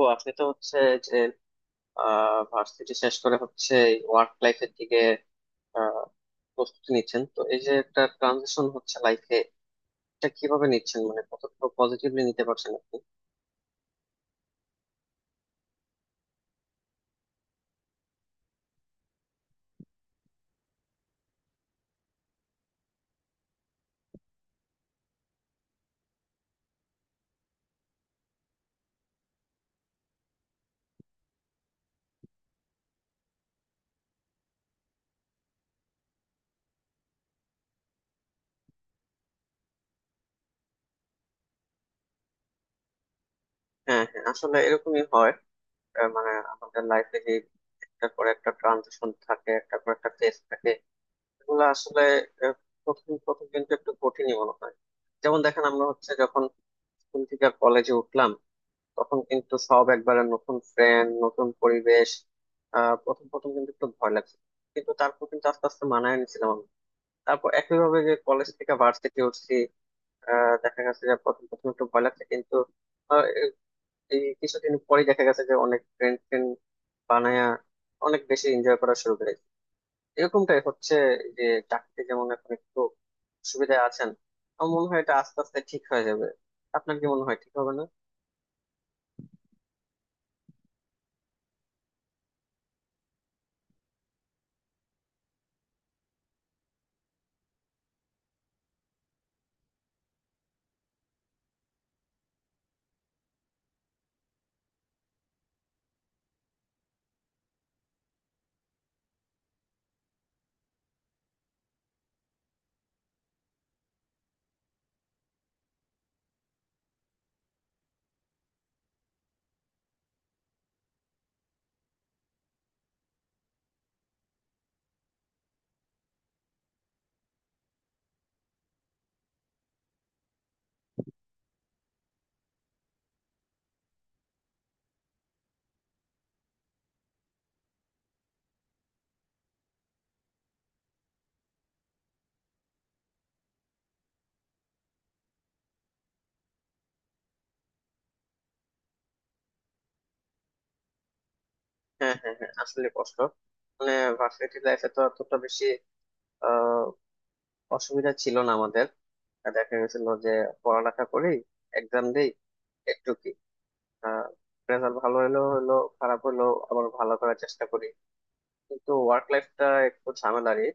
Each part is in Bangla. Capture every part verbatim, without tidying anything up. ও আপনি তো হচ্ছে যে ভার্সিটি শেষ করে হচ্ছে ওয়ার্ক লাইফের দিকে আহ, প্রস্তুতি নিচ্ছেন। তো এই যে একটা ট্রানজিশন হচ্ছে লাইফে, এটা কিভাবে নিচ্ছেন, মানে কতটুকু পজিটিভলি নিতে পারছেন আপনি? হ্যাঁ হ্যাঁ, আসলে এরকমই হয়। আহ, মানে আমাদের লাইফে যে একটা করে একটা ট্রানজিশন থাকে, একটা করে একটা ফেজ থাকে, এগুলো আসলে আহ, প্রথম প্রথম কিন্তু একটু কঠিনই মনে হয়। যেমন দেখেন, আমরা হচ্ছে যখন স্কুল থেকে কলেজে উঠলাম তখন কিন্তু সব একবারে নতুন ফ্রেন্ড, নতুন পরিবেশ। আহ প্রথম প্রথম কিন্তু একটু ভয় লাগছে, কিন্তু তারপর কিন্তু আস্তে আস্তে মানায় নিছিলাম আমি। তারপর একইভাবে যে কলেজ থেকে ভার্সিটি উঠছি, আহ দেখা গেছে যে প্রথম প্রথম একটু ভয় লাগছে, কিন্তু আহ, এ- এই কিছুদিন পরে দেখা গেছে যে অনেক ফ্রেন্ড ফ্রেন্ড বানায়া অনেক বেশি এনজয় করা শুরু করেছি। এরকমটাই হচ্ছে যে চাকরিতে যেমন এখন একটু সুবিধা আছেন, আমার মনে হয় এটা আস্তে আস্তে ঠিক হয়ে যাবে। আপনার কি মনে হয়, ঠিক হবে না? হ্যাঁ হ্যাঁ হ্যাঁ, আসলে কষ্ট, মানে ভার্সিটি লাইফে তো অতটা বেশি আহ, অসুবিধা ছিল না আমাদের। আর দেখা গেছিল যে পড়ালেখা করি, এক্সাম দেই, একটু কি রেজাল্ট ভালো হলো হলো, খারাপ হলো আবার ভালো করার চেষ্টা করি। কিন্তু ওয়ার্ক লাইফটা একটু ঝামেলারই,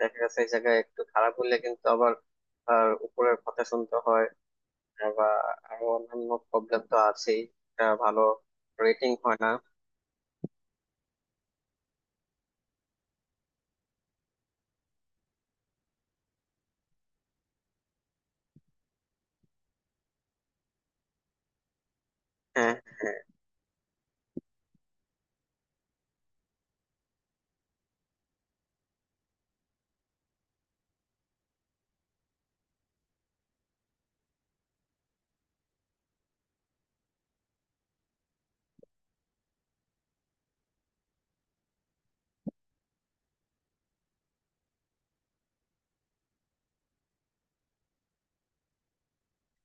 দেখা গেছে এই জায়গায় একটু খারাপ হলে কিন্তু আবার আর উপরের কথা শুনতে হয়, আহ, বা আরো অন্যান্য প্রবলেম তো আছেই, একটা ভালো রেটিং হয় না। হ্যাঁ হ্যাঁ।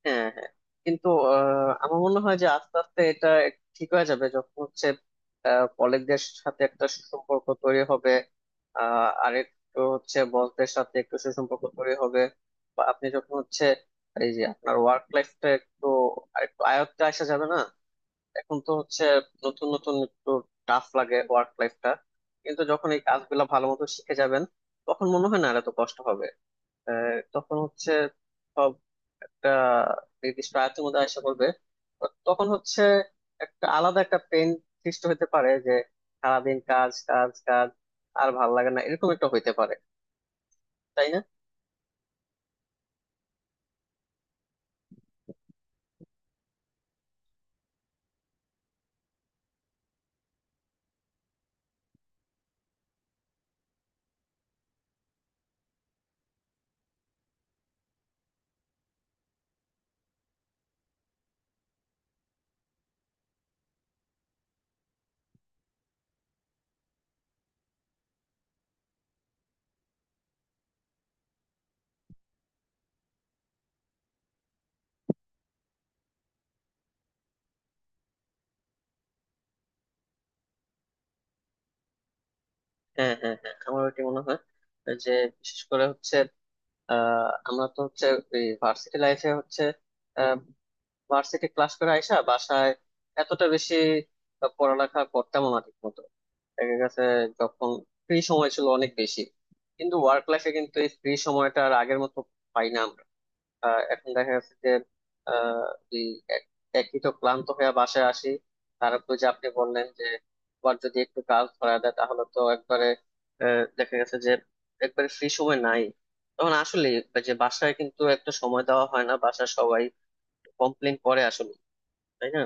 হ্যাঁ হ্যাঁ, কিন্তু আহ, আমার মনে হয় যে আস্তে আস্তে এটা ঠিক হয়ে যাবে, যখন হচ্ছে কলিগদের সাথে একটা সুসম্পর্ক তৈরি হবে, আহ আর একটু হচ্ছে বসদের সাথে একটু সুসম্পর্ক তৈরি হবে, বা আপনি যখন হচ্ছে এই যে আপনার ওয়ার্ক লাইফটা একটু আরেকটু আয়ত্তে আসা যাবে না। এখন তো হচ্ছে নতুন নতুন, একটু টাফ লাগে ওয়ার্ক লাইফটা, কিন্তু যখন এই কাজগুলো ভালো মতো শিখে যাবেন তখন মনে হয় না আর এত কষ্ট হবে। আহ, তখন হচ্ছে সব একটা নির্দিষ্ট আয়ত্তের মধ্যে আসা পড়বে। তো তখন হচ্ছে একটা আলাদা একটা পেন সৃষ্টি হতে পারে যে সারাদিন কাজ কাজ কাজ, আর ভাল লাগে না, এরকম একটা হইতে পারে, তাই না? হ্যাঁ হ্যাঁ হ্যাঁ, আমার ওইটি মনে হয় যে বিশেষ করে হচ্ছে আহ আমরা তো হচ্ছে ভার্সিটি লাইফে হচ্ছে আহ ভার্সিটি ক্লাস করে আইসা বাসায় এতটা বেশি পড়ালেখা করতাম না ঠিক। দেখা গেছে, যখন ফ্রি সময় ছিল অনেক বেশি, কিন্তু ওয়ার্ক লাইফে কিন্তু এই ফ্রি সময়টা আর আগের মতো পাই না আমরা। আহ, এখন দেখা গেছে যে আহ, এই এক- একই তো ক্লান্ত হয়ে বাসায় আসি, তারপর যে আপনি বললেন যে আবার যদি একটু কাজ ধরা দেয় তাহলে তো একবারে আহ, দেখা গেছে যে একবারে ফ্রি সময় নাই। তখন আসলে যে বাসায় কিন্তু একটা সময় দেওয়া হয় না, বাসায় সবাই কমপ্লেন করে আসলে, তাই না?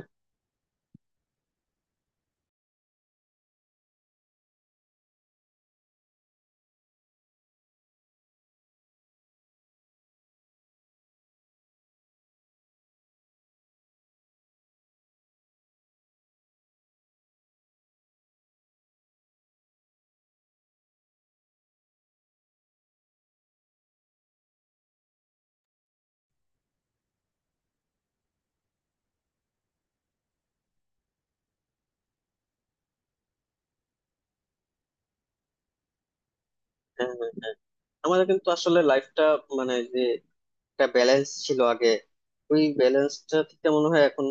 হ্যাঁ হ্যাঁ হ্যাঁ। আমাদের কিন্তু আসলে লাইফটা, মানে যে একটা ব্যালেন্স ছিল আগে, ওই ব্যালেন্সটা থেকে মনে হয় এখন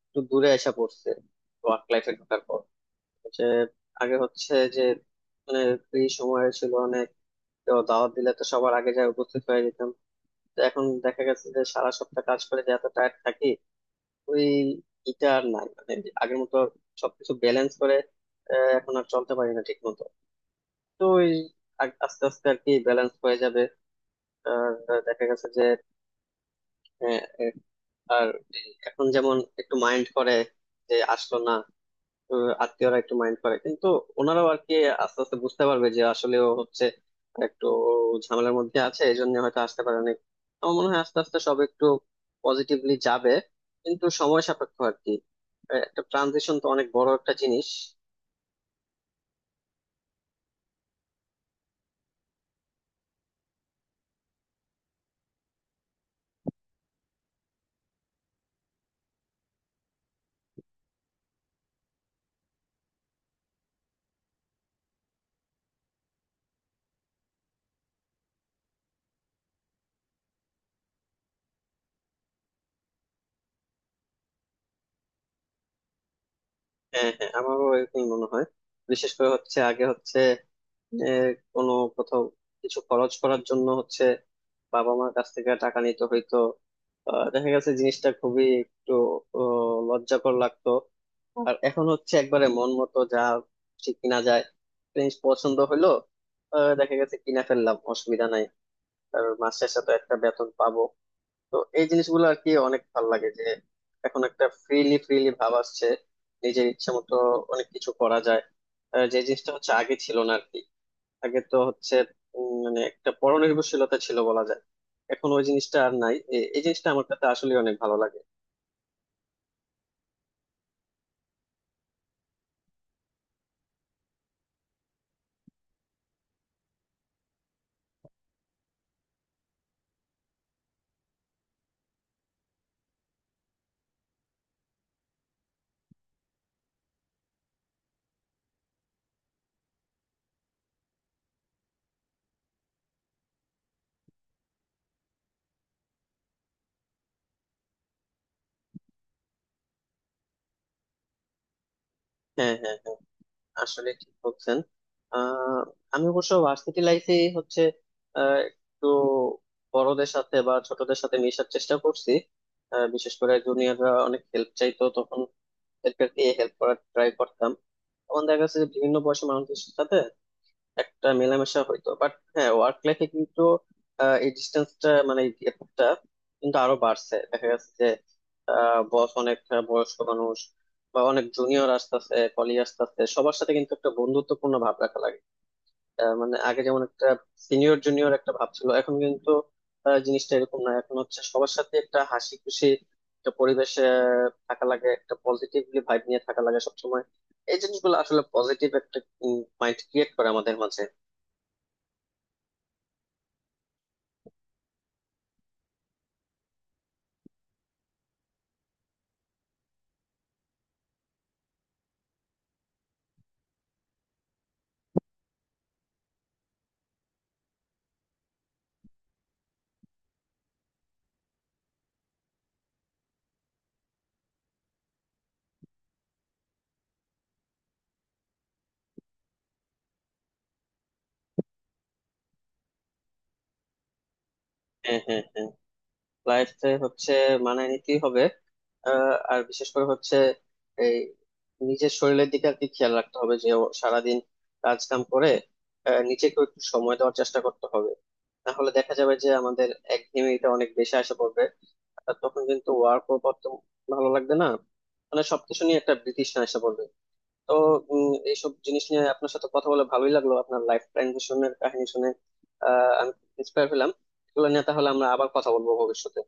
একটু দূরে এসে পড়ছে ওয়ার্ক লাইফে ঢোকার পর। যে আগে হচ্ছে যে মানে ফ্রি সময় ছিল অনেক, তো দাওয়াত দিলে তো সবার আগে যায় উপস্থিত হয়ে যেতাম। তো এখন দেখা গেছে যে সারা সপ্তাহ কাজ করে যে এত টায়ার্ড থাকি, ওই এটা আর নাই, মানে যে আগের মতো সবকিছু ব্যালেন্স করে আহ, এখন আর চলতে পারি না ঠিক মতো। তো ওই আ- আস্তে আস্তে আর কি ব্যালেন্স হয়ে যাবে। আর দেখা গেছে যে আর এই এখন যেমন একটু মাইন্ড করে যে আসলো না, উম, আত্মীয়রা একটু মাইন্ড করে, কিন্তু ওনারাও আর কি আস্তে আস্তে বুঝতে পারবে যে আসলে ও হচ্ছে একটু ঝামেলার মধ্যে আছে, এই জন্য হয়তো আসতে পারেনি। আমার মনে হয় আস্তে আস্তে সব একটু পজিটিভলি যাবে, কিন্তু সময় সাপেক্ষ আর কি। আহ, একটা ট্রানজিশন তো অনেক বড় একটা জিনিস। হ্যাঁ হ্যাঁ, আমারও এরকমই মনে হয়। বিশেষ করে হচ্ছে আগে হচ্ছে আহ, কোনো কোথাও কিছু খরচ করার জন্য হচ্ছে বাবা মার কাছ থেকে টাকা নিতে হইতো। আহ, দেখা গেছে জিনিসটা খুবই একটু আহ, লজ্জাকর লাগতো। আর এখন হচ্ছে একবারে মন মতো যা ঠিক কিনা যায়, জিনিস পছন্দ হইলো আহ, দেখা গেছে কিনা ফেললাম, অসুবিধা নাই, আর মাস শেষে তো একটা বেতন পাবো। তো এই জিনিসগুলো আর কি অনেক ভালো লাগে, যে এখন একটা ফ্রিলি ফ্রিলি ভাব আসছে, নিজের ইচ্ছা মতো অনেক কিছু করা যায়, আহ, যে জিনিসটা হচ্ছে আগে ছিল না আর কি। আগে তো হচ্ছে উম, মানে একটা পরনির্ভরশীলতা ছিল বলা যায়, এখন ওই জিনিসটা আর নাই। এ- এই জিনিসটা আমার কাছে আসলে অনেক ভালো লাগে। হ্যাঁ হ্যাঁ হ্যাঁ, আসলে ঠিক বলছেন। আহ আমি অবশ্য ভার্সিটি লাইফে হচ্ছে আহ, একটু বড়দের সাথে বা ছোটদের সাথে মেশার চেষ্টা করছি। আহ, বিশেষ করে জুনিয়ররা অনেক হেল্প চাইতো তখন, এদেরকে হেল্প করার ট্রাই করতাম। তখন দেখা গেছে যে বিভিন্ন বয়সী মানুষের সাথে একটা মেলামেশা হইতো, বাট হ্যাঁ ওয়ার্ক লাইফে কিন্তু আহ, এই ডিস্টেন্সটা, মানে এই গ্যাপটা কিন্তু আরো বাড়ছে, দেখা যাচ্ছে যে বস অনেক বয়স্ক মানুষ, বা অনেক জুনিয়র আসতেছে, কলিগ আসতেছে, সবার সাথে কিন্তু একটা বন্ধুত্বপূর্ণ ভাব রাখা লাগে। আহ, মানে আগে যেমন একটা সিনিয়র জুনিয়র একটা ভাব ছিল, এখন কিন্তু আহ, জিনিসটা এরকম না। এখন হচ্ছে সবার সাথে একটা হাসি খুশি একটা পরিবেশে থাকা লাগে, একটা পজিটিভলি ভাইব নিয়ে থাকা লাগে সবসময়। এই জিনিসগুলো আসলে পজিটিভ একটা মাইন্ড ক্রিয়েট করে আমাদের মাঝে। হ্যাঁ হ্যাঁ হ্যাঁ, লাইফে হচ্ছে মানায় নিতেই হবে। আহ, আর বিশেষ করে হচ্ছে এই নিজের শরীরের দিকে আর কি খেয়াল রাখতে হবে, যে ও সারাদিন কাজ কাম করে আহ, নিজেকে একটু সময় দেওয়ার চেষ্টা করতে হবে। তাহলে দেখা যাবে যে আমাদের একঘেয়েমিটা অনেক বেশি আসে পড়বে, আর তখন কিন্তু ওয়ার্কও করতে ভালো লাগবে না, মানে সবকিছু নিয়ে একটা বিতৃষ্ণা এসে পড়বে। তো উম, এইসব জিনিস নিয়ে আপনার সাথে কথা বলে ভালোই লাগলো, আপনার লাইফ ট্রানজিশনের কাহিনী শুনে আহ আমি ইন্সপায়ার হলাম। এগুলো নিয়ে তাহলে আমরা আবার কথা বলবো ভবিষ্যতে।